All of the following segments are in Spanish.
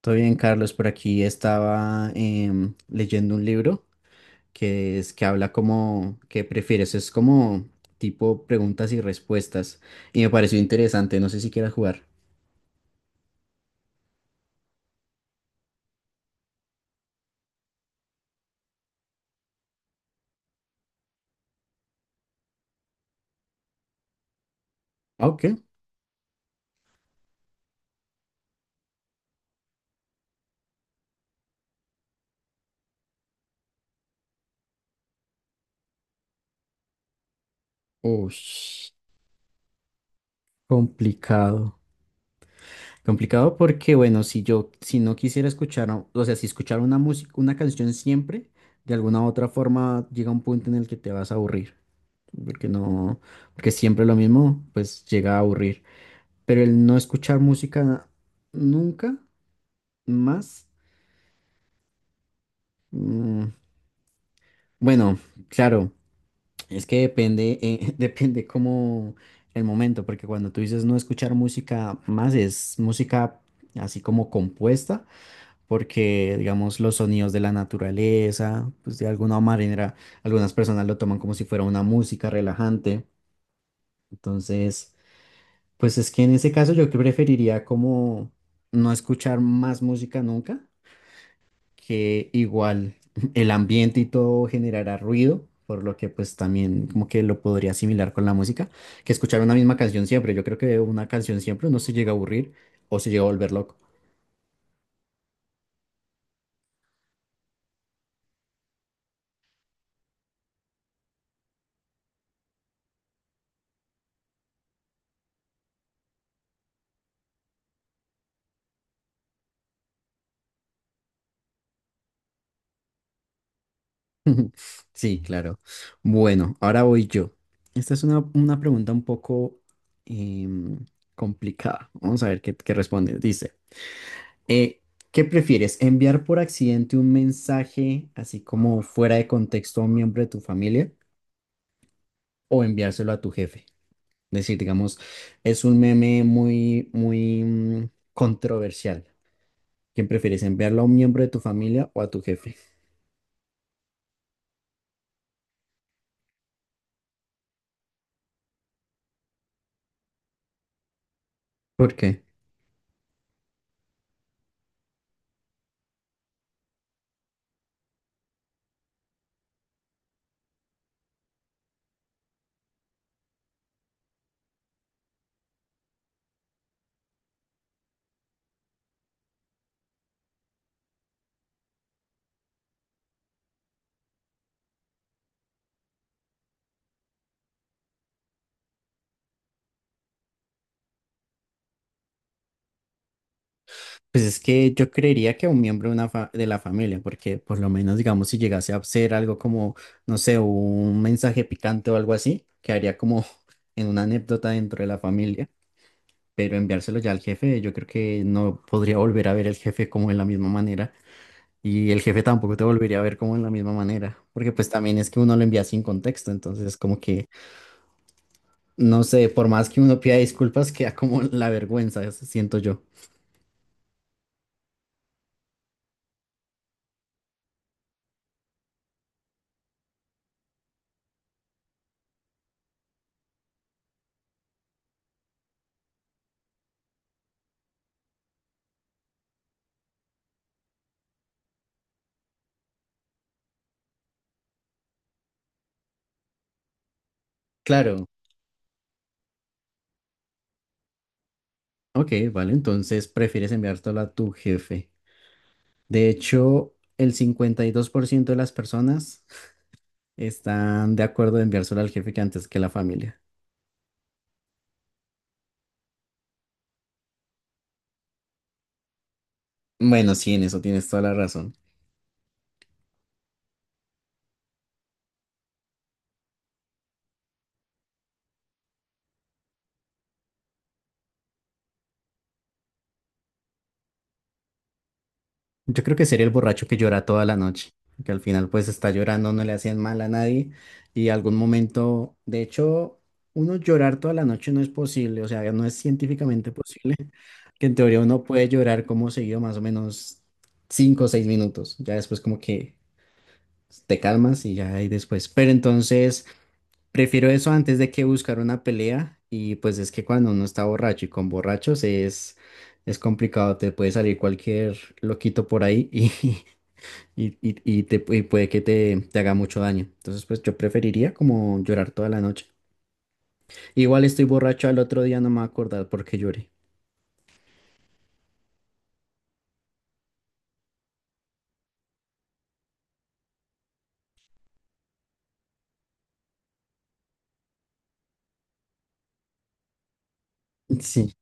Todo bien, Carlos. Por aquí estaba leyendo un libro que es que habla como que prefieres. Es como tipo preguntas y respuestas. Y me pareció interesante. No sé si quieras jugar. Ah, OK. Ush, complicado. Complicado porque, bueno, si yo, si no quisiera escuchar, o sea, si escuchar una música, una canción siempre, de alguna u otra forma llega un punto en el que te vas a aburrir. Porque no, porque siempre lo mismo, pues llega a aburrir. Pero el no escuchar música nunca más. mm, bueno, claro, es que depende, depende como el momento, porque cuando tú dices no escuchar música más, es música así como compuesta, porque digamos los sonidos de la naturaleza, pues de alguna manera, algunas personas lo toman como si fuera una música relajante. Entonces, pues es que en ese caso yo preferiría como no escuchar más música nunca, que igual el ambiente y todo generará ruido, por lo que pues también como que lo podría asimilar con la música, que escuchar una misma canción siempre. Yo creo que una canción siempre no se llega a aburrir o se llega a volver loco. Sí, claro. Bueno, ahora voy yo. Esta es una pregunta un poco em, complicada. Vamos a ver qué responde. Dice, eh, ¿qué prefieres? ¿Enviar por accidente un mensaje así como fuera de contexto a un miembro de tu familia o enviárselo a tu jefe? Decir, digamos, es un meme muy, muy controversial. ¿Quién prefieres, enviarlo a un miembro de tu familia o a tu jefe? ¿Por qué? Pues es que yo creería que a un miembro de, de la familia, porque por lo menos, digamos, si llegase a ser algo como, no sé, un mensaje picante o algo así, quedaría como en una anécdota dentro de la familia, pero enviárselo ya al jefe, yo creo que no podría volver a ver al jefe como de la misma manera. Y el jefe tampoco te volvería a ver como en la misma manera, porque pues también es que uno lo envía sin contexto, entonces como que, no sé, por más que uno pida disculpas, queda como la vergüenza, eso siento yo. Claro, ok, vale, entonces prefieres enviártelo a tu jefe. De hecho, el 52% de las personas están de acuerdo en enviárselo al jefe que antes que la familia. Bueno, sí, en eso tienes toda la razón. Yo creo que sería el borracho que llora toda la noche, que al final pues está llorando, no le hacían mal a nadie y algún momento, de hecho, uno llorar toda la noche no es posible, o sea, no es científicamente posible, que en teoría uno puede llorar como seguido más o menos 5 o 6 minutos, ya después como que te calmas y ya ahí después, pero entonces prefiero eso antes de que buscar una pelea, y pues es que cuando uno está borracho y con borrachos es... Es complicado, te puede salir cualquier loquito por ahí y, y puede que te haga mucho daño. Entonces, pues yo preferiría como llorar toda la noche. Igual estoy borracho al otro día, no me voy a acordar por qué lloré. Sí,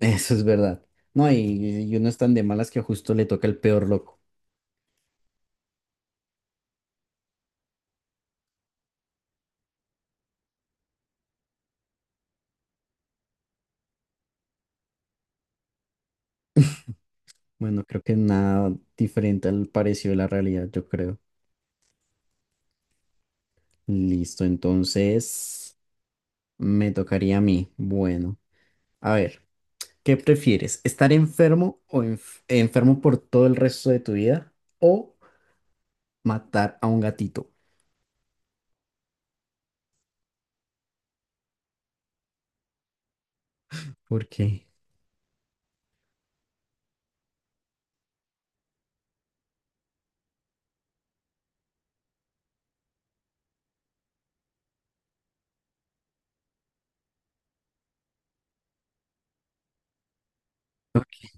eso es verdad. No, y uno es tan de malas que justo le toca el peor loco. Bueno, creo que nada diferente al parecido de la realidad, yo creo. Listo, entonces me tocaría a mí. Bueno, a ver, ¿qué prefieres? ¿Estar enfermo enfermo por todo el resto de tu vida o matar a un gatito? ¿Por qué? Ok.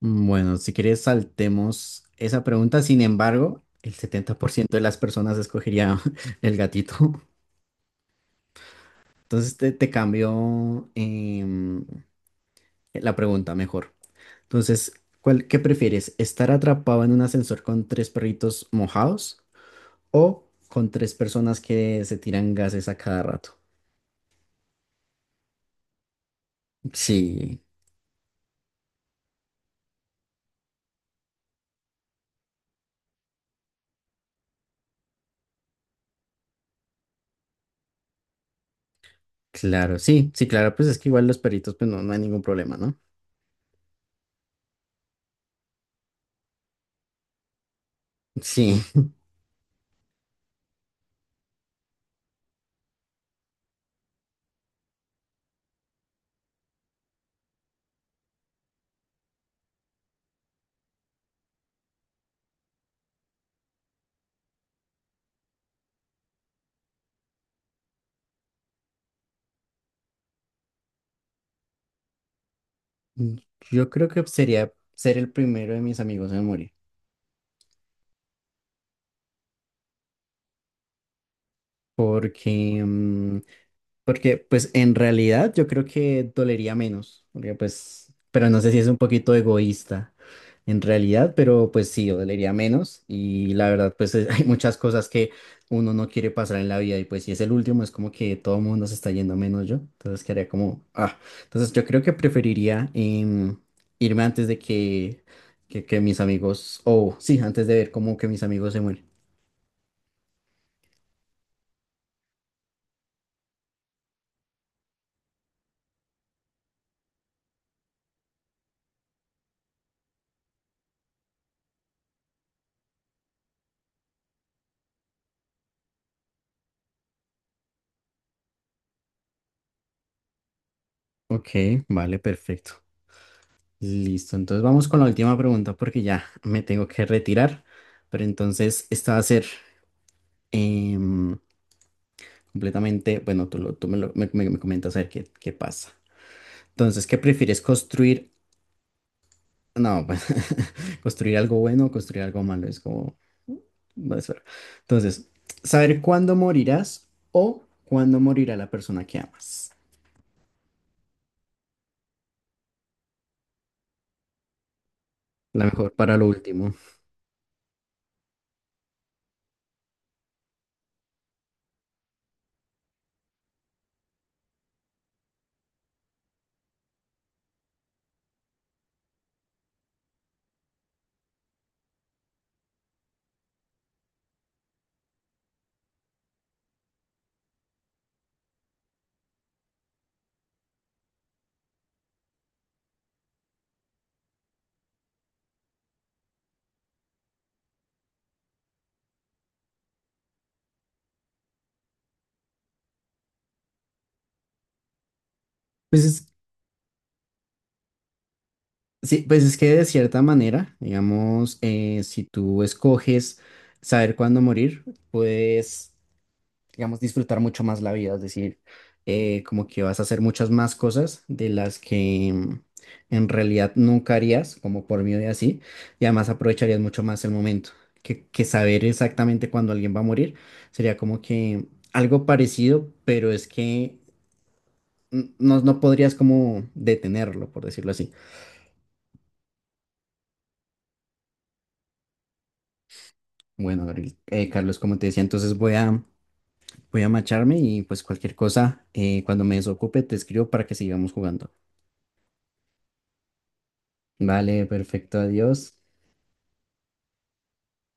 Mm, bueno, si quieres saltemos esa pregunta. Sin embargo, el 70% de las personas escogería el gatito. Entonces te cambio la pregunta mejor. Entonces, ¿cuál, qué prefieres? ¿Estar atrapado en un ascensor con tres perritos mojados o con tres personas que se tiran gases a cada rato? Sí, claro, sí, sí, claro, pues es que igual los perritos, pues no, no hay ningún problema, ¿no? Sí. Mm. Yo creo que sería ser el primero de mis amigos en morir, porque mm, porque pues en realidad yo creo que dolería menos, porque pues, pero no sé si es un poquito egoísta en realidad, pero pues sí, dolería menos y la verdad pues hay muchas cosas que uno no quiere pasar en la vida, y pues si es el último es como que todo el mundo se está yendo menos yo, entonces quedaría como, ah, entonces yo creo que preferiría irme antes de que mis amigos, o sí, antes de ver como que mis amigos se mueren. Ok, vale, perfecto. Listo, entonces vamos con la última pregunta porque ya me tengo que retirar, pero entonces esta va a ser em, completamente, bueno, tú, lo- tú me, lo- me- me- me comentas a ver qué pasa. Entonces, ¿qué prefieres construir? No, pues, construir algo bueno o construir algo malo, es como, mm, no es verdad. Entonces, saber cuándo morirás o cuándo morirá la persona que amas. La mejor para lo último. Pues es Sí, pues es que de cierta manera, digamos, si tú escoges saber cuándo morir, puedes, digamos, disfrutar mucho más la vida, es decir, como que vas a hacer muchas más cosas de las que en realidad nunca harías, como por miedo y así, y además aprovecharías mucho más el momento, que, saber exactamente cuándo alguien va a morir sería como que algo parecido, pero es que no, no podrías como detenerlo, por decirlo así. Bueno, Gabriel, Carlos, como te decía, entonces voy a, marcharme y pues cualquier cosa, cuando me desocupe, te escribo para que sigamos jugando. Vale, perfecto, adiós.